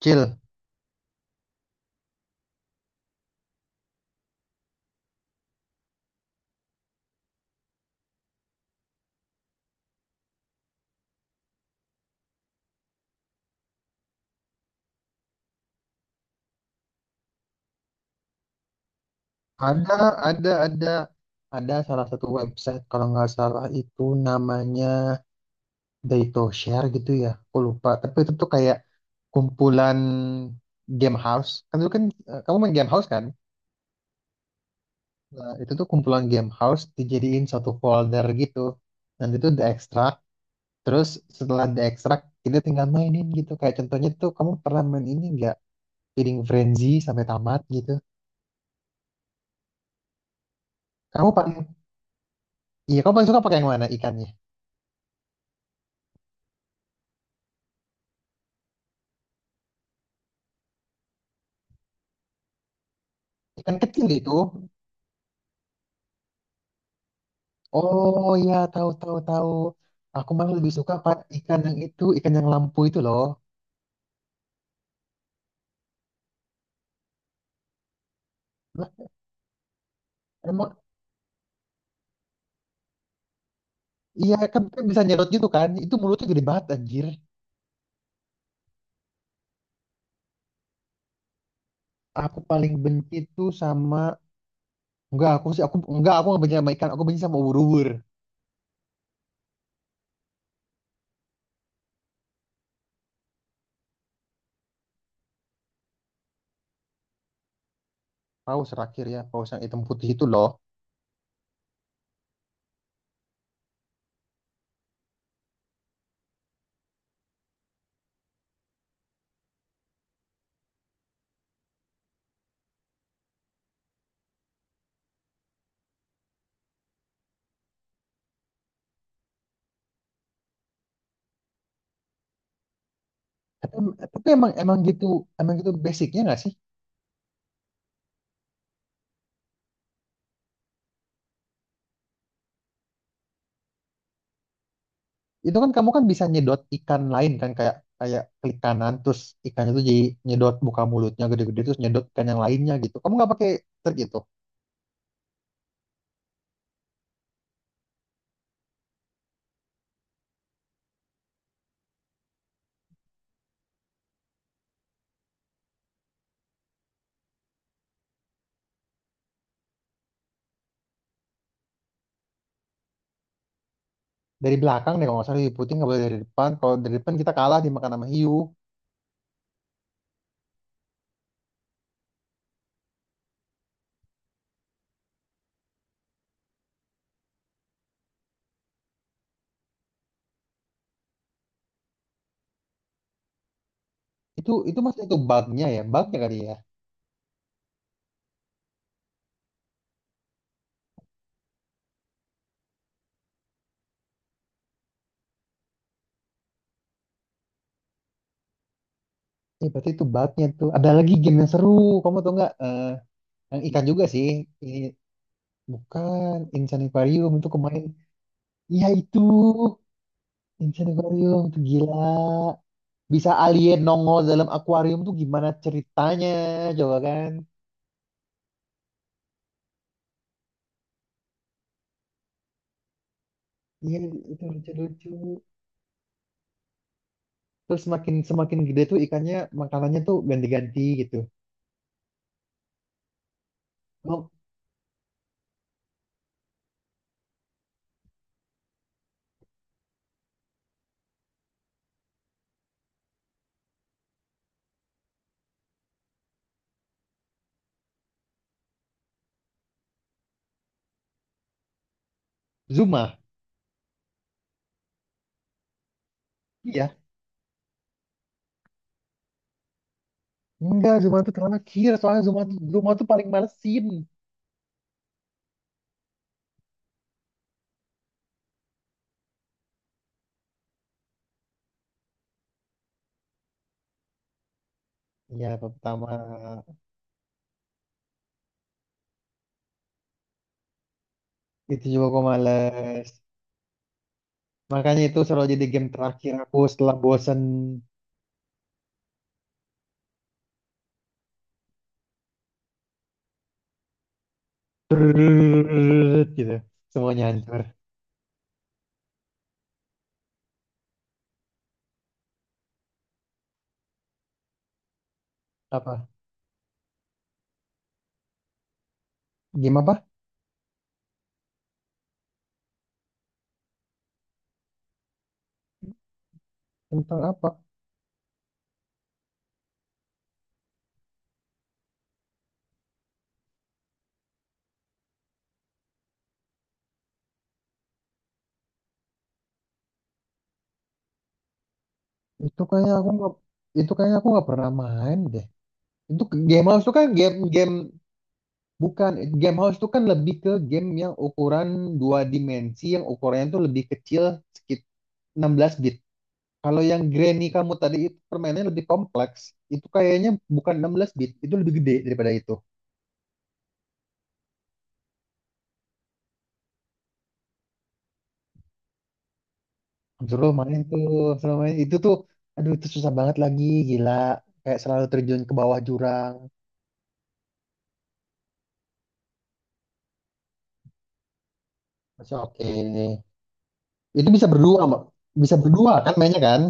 Cil, ada, ada, ada, ada salah satu website kalau nggak salah itu namanya Day Share gitu ya, aku lupa. Tapi itu tuh kayak kumpulan game house. Kan dulu kan kamu main game house kan? Nah, itu tuh kumpulan game house dijadiin satu folder gitu. Dan itu diekstrak. Terus setelah diekstrak kita tinggal mainin gitu. Kayak contohnya tuh kamu pernah main ini nggak? Feeding Frenzy sampai tamat gitu. Kamu paling, iya kamu paling suka pakai yang mana ikannya? Ikan kecil itu. Oh ya, tahu tahu tahu. Aku malah lebih suka pak ikan yang itu, ikan yang lampu itu loh. Lah, emang iya kan, kan bisa nyerot gitu kan? Itu mulutnya gede banget anjir. Aku paling benci tuh sama, enggak aku sih, aku enggak, aku nggak benci sama ikan. Aku benci sama ubur-ubur. Paus terakhir ya paus yang hitam putih itu loh. Tapi, tapi emang, emang gitu basicnya nggak sih? Itu kan kamu kan bisa nyedot ikan lain kan, kayak kayak klik kanan, terus ikannya tuh jadi nyedot, buka mulutnya gede-gede terus nyedot ikan yang lainnya gitu. Kamu nggak pakai trik gitu? Dari belakang deh kalau nggak salah. Hiu putih nggak boleh dari depan, kalau dari depan kita kalah dimakan sama hiu. Itu masih, itu bugnya ya, bugnya kali ya. Eh, berarti itu bugnya tuh. Ada lagi game yang seru, kamu tau nggak? Yang ikan juga sih, ini bukan Insan Aquarium itu kemarin. Iya, itu Insan Aquarium itu gila, bisa alien nongol dalam akuarium tuh gimana ceritanya coba kan. Iya, itu lucu-lucu. Terus semakin semakin gede tuh ikannya, makanannya tuh ganti-ganti gitu. Oh, Zuma. Iya, enggak, Zuma tuh terakhir. Soalnya Zuma tuh paling malesin. Iya, babak pertama. Itu juga gue males. Makanya itu selalu jadi game terakhir aku setelah bosen. Gitu. Semuanya hancur. Apa? Game apa? Tentang apa? Itu kayaknya aku nggak itu kayaknya aku nggak pernah main deh. Itu game house itu kan game game bukan, game house itu kan lebih ke game yang ukuran dua dimensi yang ukurannya tuh lebih kecil, sekitar 16 bit. Kalau yang Granny kamu tadi itu permainannya lebih kompleks. Itu kayaknya bukan 16 bit, itu lebih gede daripada itu. Suruh main tuh, suruh main. Itu tuh, aduh itu susah banget lagi, gila. Kayak selalu terjun ke bawah jurang. Masih oke. Itu bisa berdua, Mbak. Bisa berdua kan mainnya kan?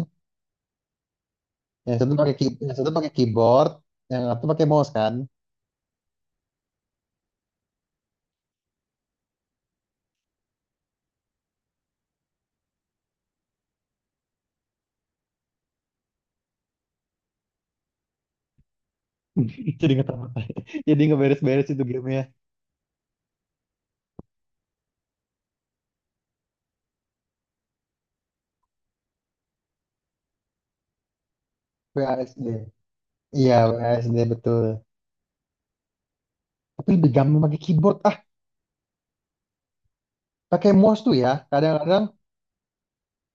Yang satu yang satu pakai keyboard, yang satu pakai mouse kan? Jadi nggak tahu. Jadi nggak beres-beres itu gamenya. WASD. Iya, WASD betul. Tapi lebih gampang pakai keyboard. Ah, pakai mouse tuh ya. Kadang-kadang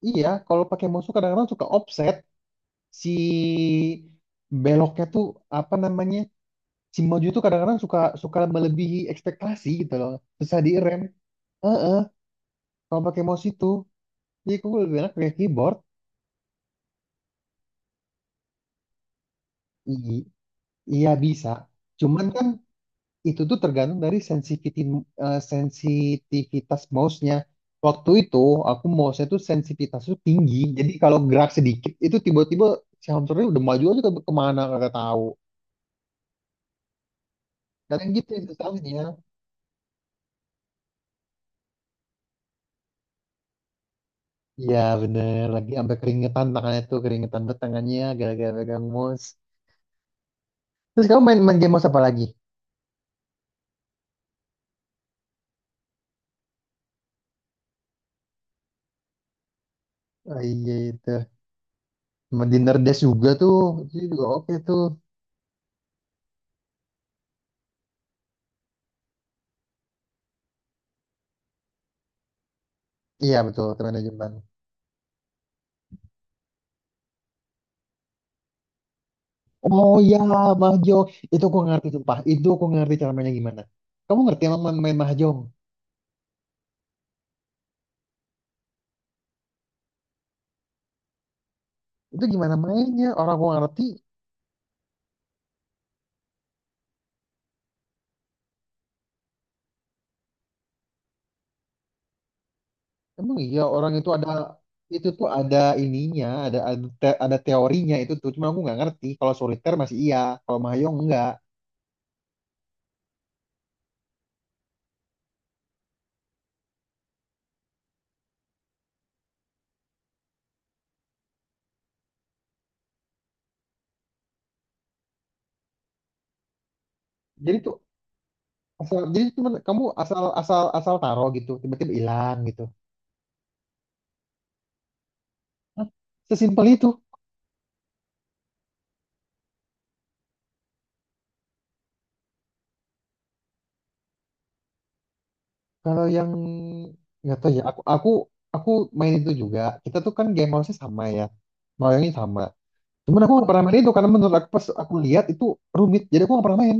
iya, kalau pakai musuh kadang-kadang suka offset, si beloknya tuh apa namanya, si maju tuh kadang-kadang suka suka melebihi ekspektasi gitu loh, susah direm. Heeh, kalau pakai mouse itu, jadi aku lebih enak pakai keyboard. I- Iya bisa, cuman kan itu tuh tergantung dari sensitivitas sensitivitas mouse-nya. Waktu itu aku mouse-nya tuh sensitivitasnya tuh tinggi, jadi kalau gerak sedikit itu tiba-tiba si hamsternya udah maju aja kemana nggak tahu. Kadang gitu itu soalnya. Iya bener, lagi sampai keringetan tangannya tuh, keringetan tuh tangannya gara-gara pegang mouse. Terus kamu main, main game mouse apa lagi? Oh, iya itu. Sama Dinner Dash juga tuh, itu juga oke tuh. Iya betul, teman Jumpan. Oh iya, mahjong. Itu aku ngerti, sumpah, itu aku ngerti cara mainnya gimana. Kamu ngerti emang main, main mahjong? Itu gimana mainnya? Orang aku nggak ngerti. Emang iya orang itu ada, itu tuh ada ininya, ada teorinya itu tuh. Cuma aku nggak ngerti. Kalau soliter masih iya, kalau Mahjong enggak. Jadi tuh asal, jadi cuma kamu asal asal asal taruh gitu, tiba-tiba hilang gitu. Hah? Sesimpel itu. Kalau yang nggak tahu ya, aku aku main itu juga. Kita tuh kan game house-nya sama ya. Mahjongnya sama. Cuman aku nggak pernah main itu karena menurut aku pas aku lihat itu rumit. Jadi aku nggak pernah main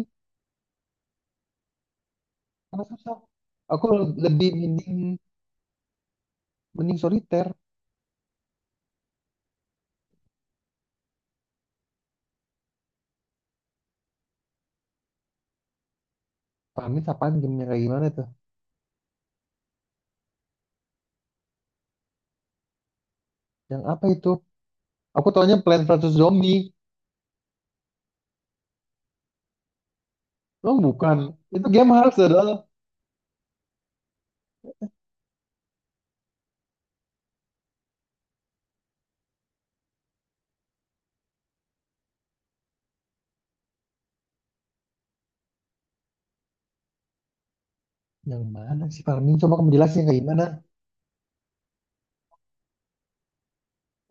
karena susah. Aku lebih mending, mending soliter. Panis apaan gamenya kayak gimana tuh? Yang apa itu? Aku taunya Plants versus Zombie. Oh bukan. Itu game harus dong. Yang mana sih Parmin? Coba kamu jelasin kayak gimana.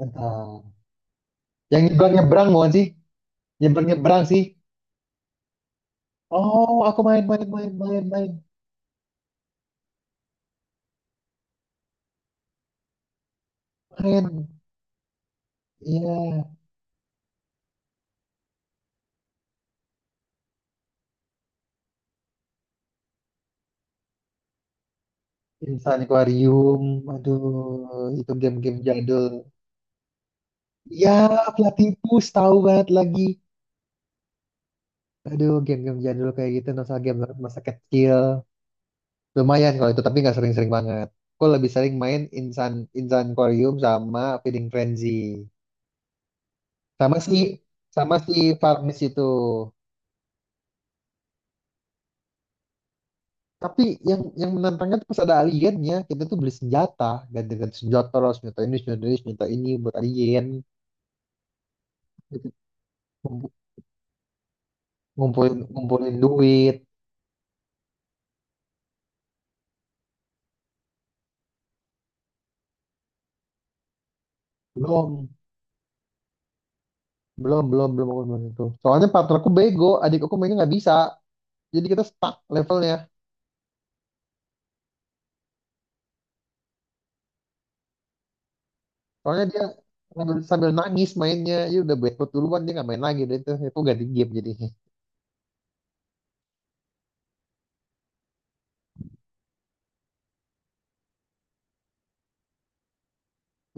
Entah. Yang nyebrang nyebrang bukan sih? Nyebrang nyebrang sih. Oh, aku main main main main main main. Iya. Insan Aquarium. Aduh itu game-game jadul. Ya pelatih tipu, tahu banget lagi. Aduh game-game jadul kayak gitu nostalgia banget masa kecil. Lumayan kalau itu, tapi nggak sering-sering banget. Gue lebih sering main Insan Insan Quarium sama Feeding Frenzy. Sama si sama si Farmist itu. Tapi yang menantangnya tuh pas ada aliennya, kita tuh beli senjata, ganti-ganti senjata, terus senjata ini, senjata ini, senjata ini buat alien. Ngumpu- Ngumpulin, ngumpulin duit. Belum, belum, belum, belum, belum, belum itu. Soalnya partnerku bego, adik aku mainnya nggak bisa. Jadi kita stuck levelnya. Soalnya dia sambil nangis mainnya, ya udah bad mood duluan, dia nggak main lagi deh itu ganti game jadinya.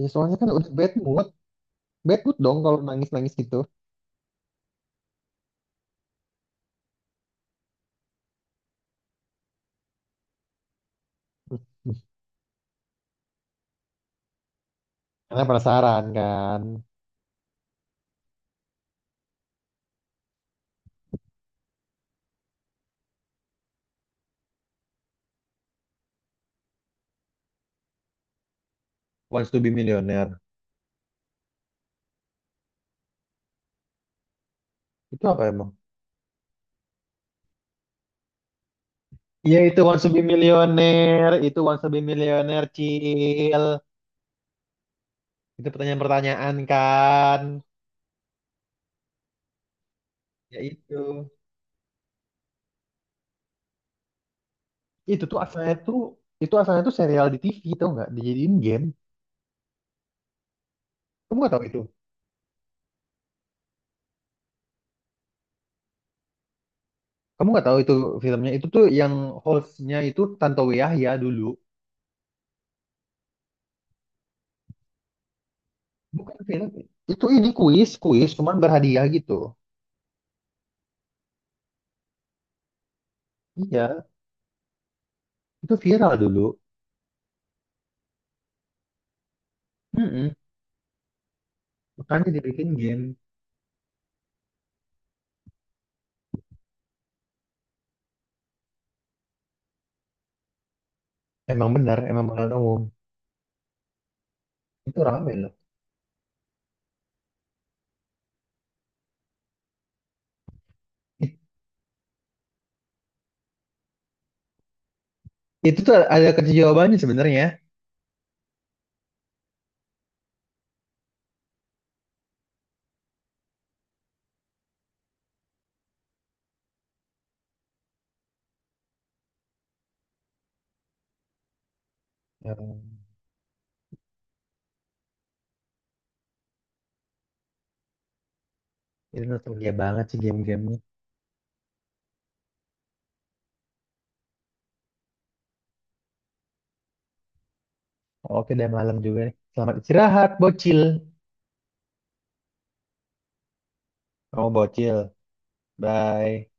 Ya soalnya kan udah bad mood dong kalau nangis-nangis gitu. Karena penasaran kan, Wants to be Millionaire. Itu apa emang? Iya itu Wants to be Millionaire, itu Wants to be Millionaire, Cil. Itu pertanyaan-pertanyaan kan. Ya itu. Itu tuh asalnya tuh, itu asalnya tuh serial di TV tau nggak? Dijadiin game. Kamu nggak tahu itu? Kamu nggak tahu itu, filmnya itu tuh yang hostnya itu Tantowi Yahya dulu. Bukan film. Itu ini kuis, kuis, cuman berhadiah gitu. Iya, itu viral dulu. Mm-mm. Makanya dibikin game. Emang benar, emang pengalaman umum. Itu rame loh. It- Itu tuh ada kunci jawabannya sebenarnya. Ya, itu nostalgia banget sih game-gamenya. Oke, udah malam juga nih. Selamat istirahat, bocil. Oh, bocil. Bye.